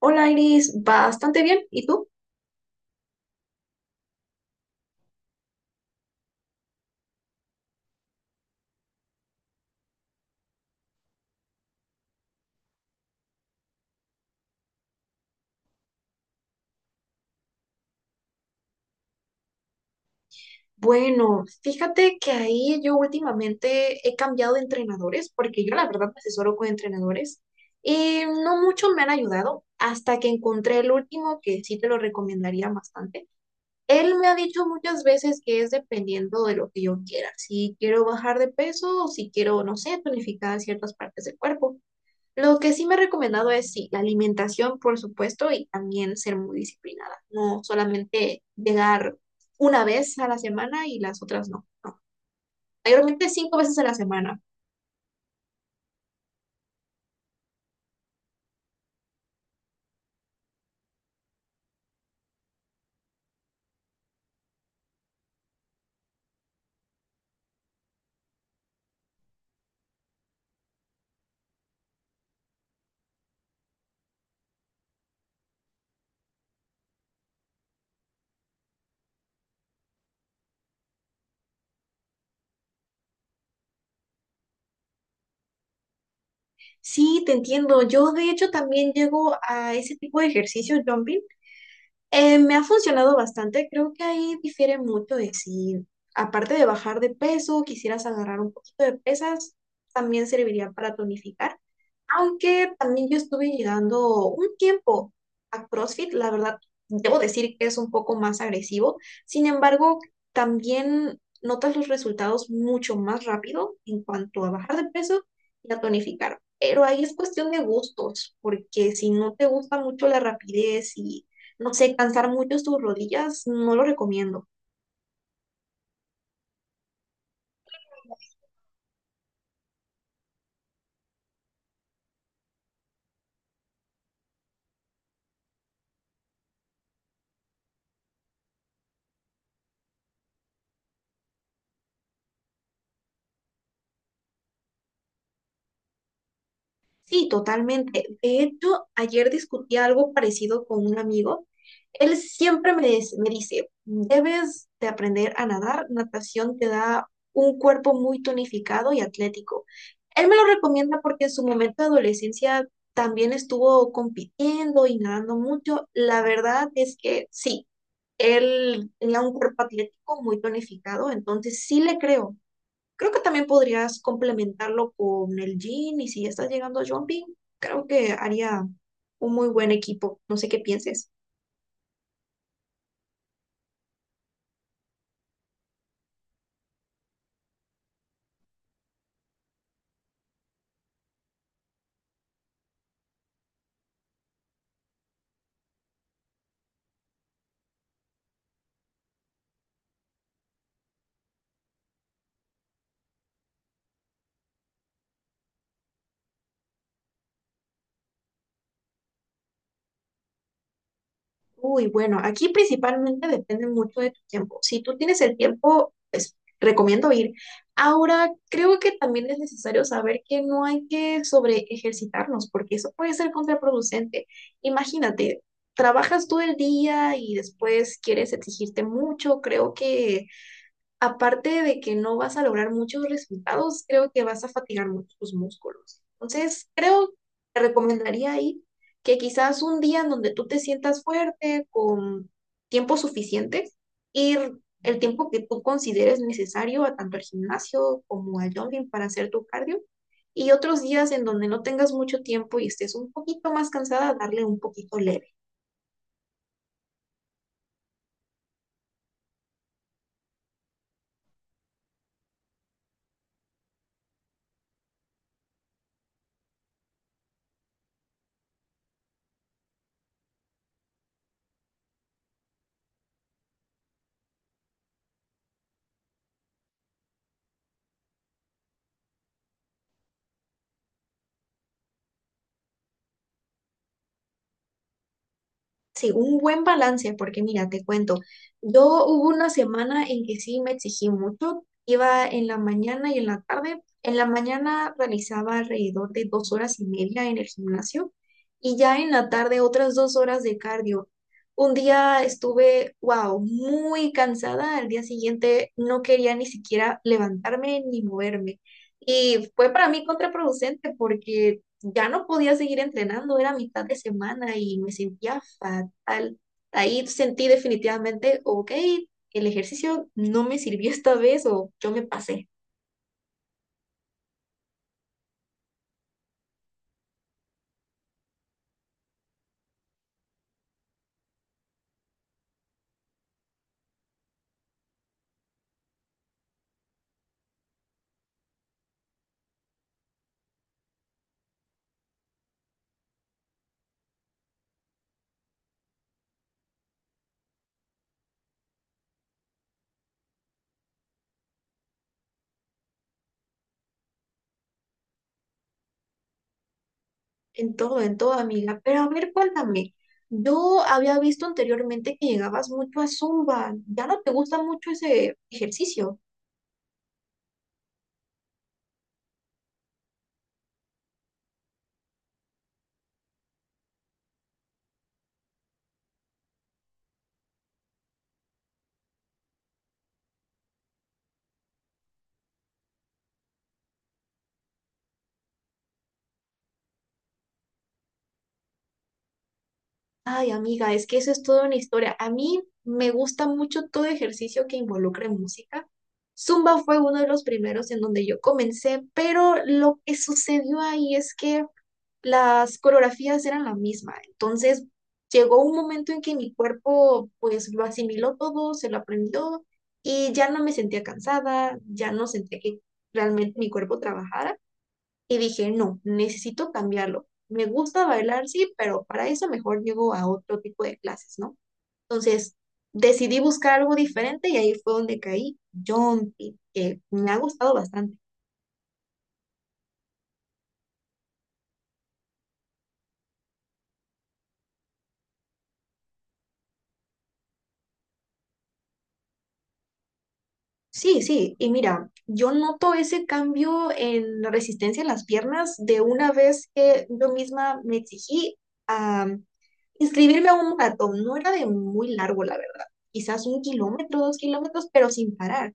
Hola Iris, bastante bien. ¿Y tú? Bueno, fíjate que ahí yo últimamente he cambiado de entrenadores porque yo la verdad me asesoro con entrenadores y no mucho me han ayudado hasta que encontré el último que sí te lo recomendaría bastante. Él me ha dicho muchas veces que es dependiendo de lo que yo quiera, si quiero bajar de peso o si quiero, no sé, tonificar ciertas partes del cuerpo. Lo que sí me ha recomendado es, sí, la alimentación, por supuesto, y también ser muy disciplinada. No solamente llegar una vez a la semana y las otras no. No, mayormente 5 veces a la semana. Sí, te entiendo. Yo, de hecho, también llego a ese tipo de ejercicio, jumping. Me ha funcionado bastante, creo que ahí difiere mucho de si, aparte de bajar de peso, quisieras agarrar un poquito de pesas, también serviría para tonificar. Aunque también yo estuve llegando un tiempo a CrossFit, la verdad, debo decir que es un poco más agresivo. Sin embargo, también notas los resultados mucho más rápido en cuanto a bajar de peso y a tonificar. Pero ahí es cuestión de gustos, porque si no te gusta mucho la rapidez y no sé, cansar mucho tus rodillas, no lo recomiendo. Sí, totalmente. De hecho, ayer discutí algo parecido con un amigo. Él siempre me dice, debes de aprender a nadar. Natación te da un cuerpo muy tonificado y atlético. Él me lo recomienda porque en su momento de adolescencia también estuvo compitiendo y nadando mucho. La verdad es que sí, él tenía un cuerpo atlético muy tonificado, entonces sí le creo. Creo que también podrías complementarlo con el jean y si ya estás llegando a jumping, creo que haría un muy buen equipo. No sé qué pienses. Uy, bueno, aquí principalmente depende mucho de tu tiempo. Si tú tienes el tiempo, pues recomiendo ir. Ahora, creo que también es necesario saber que no hay que sobre ejercitarnos porque eso puede ser contraproducente. Imagínate, trabajas todo el día y después quieres exigirte mucho. Creo que aparte de que no vas a lograr muchos resultados, creo que vas a fatigar mucho tus músculos. Entonces, creo, que te recomendaría ahí que quizás un día en donde tú te sientas fuerte, con tiempo suficiente, ir el tiempo que tú consideres necesario a tanto al gimnasio como al jogging para hacer tu cardio, y otros días en donde no tengas mucho tiempo y estés un poquito más cansada, darle un poquito leve. Sí, un buen balance, porque mira, te cuento, yo hubo una semana en que sí me exigí mucho, iba en la mañana y en la tarde, en la mañana realizaba alrededor de 2 horas y media en el gimnasio y ya en la tarde otras 2 horas de cardio. Un día estuve, wow, muy cansada, al día siguiente no quería ni siquiera levantarme ni moverme y fue para mí contraproducente porque ya no podía seguir entrenando, era mitad de semana y me sentía fatal. Ahí sentí definitivamente, ok, el ejercicio no me sirvió esta vez o yo me pasé en todo, amiga. Pero a ver, cuéntame, yo había visto anteriormente que llegabas mucho a Zumba, ¿ya no te gusta mucho ese ejercicio? Ay, amiga, es que eso es toda una historia. A mí me gusta mucho todo ejercicio que involucre música. Zumba fue uno de los primeros en donde yo comencé, pero lo que sucedió ahí es que las coreografías eran la misma. Entonces llegó un momento en que mi cuerpo pues lo asimiló todo, se lo aprendió y ya no me sentía cansada, ya no sentía que realmente mi cuerpo trabajara. Y dije, no, necesito cambiarlo. Me gusta bailar, sí, pero para eso mejor llego a otro tipo de clases, ¿no? Entonces, decidí buscar algo diferente y ahí fue donde caí jumping, que me ha gustado bastante. Sí, sí, y mira, yo noto ese cambio en la resistencia en las piernas de una vez que yo misma me exigí a inscribirme a un maratón. No era de muy largo, la verdad, quizás 1 kilómetro, 2 kilómetros, pero sin parar.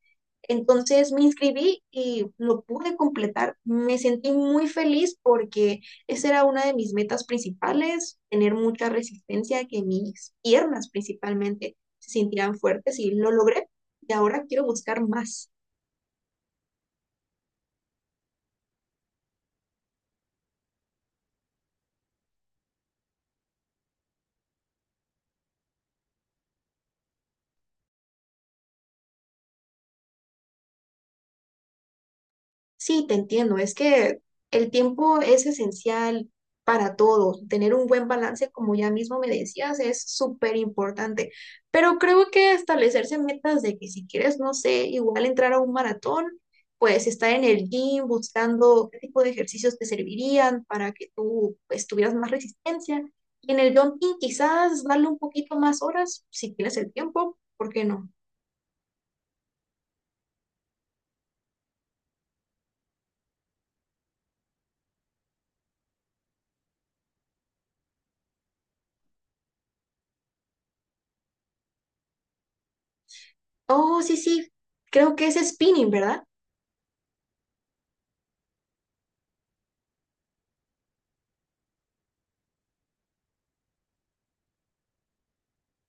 Entonces me inscribí y lo pude completar. Me sentí muy feliz porque esa era una de mis metas principales, tener mucha resistencia, que mis piernas principalmente se sintieran fuertes y lo logré y ahora quiero buscar más. Sí, te entiendo, es que el tiempo es esencial para todo. Tener un buen balance, como ya mismo me decías, es súper importante. Pero creo que establecerse metas de que si quieres, no sé, igual entrar a un maratón, pues estar en el gym buscando qué tipo de ejercicios te servirían para que tú pues, tuvieras más resistencia. Y en el jumping quizás darle un poquito más horas, si tienes el tiempo, ¿por qué no? Oh, sí, sí, creo que es spinning, ¿verdad?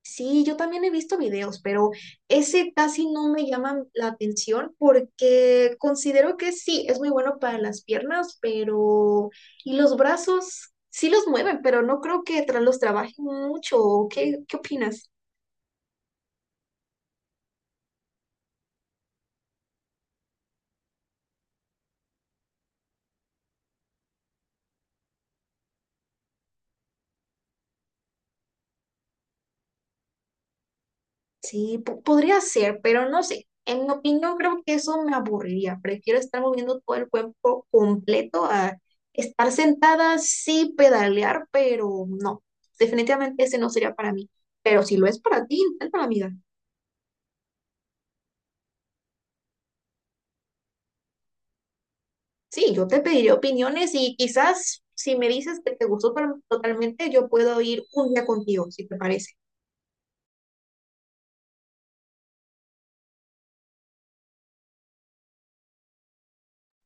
Sí, yo también he visto videos, pero ese casi no me llama la atención porque considero que sí, es muy bueno para las piernas, pero... Y los brazos sí los mueven, pero no creo que los trabajen mucho. ¿Qué, qué opinas? Sí, podría ser, pero no sé. En mi opinión, creo que eso me aburriría. Prefiero estar moviendo todo el cuerpo completo a estar sentada, sí pedalear, pero no. Definitivamente ese no sería para mí. Pero si lo es para ti, inténtalo, amiga. Sí, yo te pediré opiniones y quizás si me dices que te gustó totalmente, yo puedo ir un día contigo, si te parece.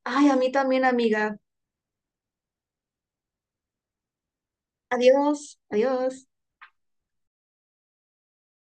Ay, a mí también, amiga. Adiós, adiós.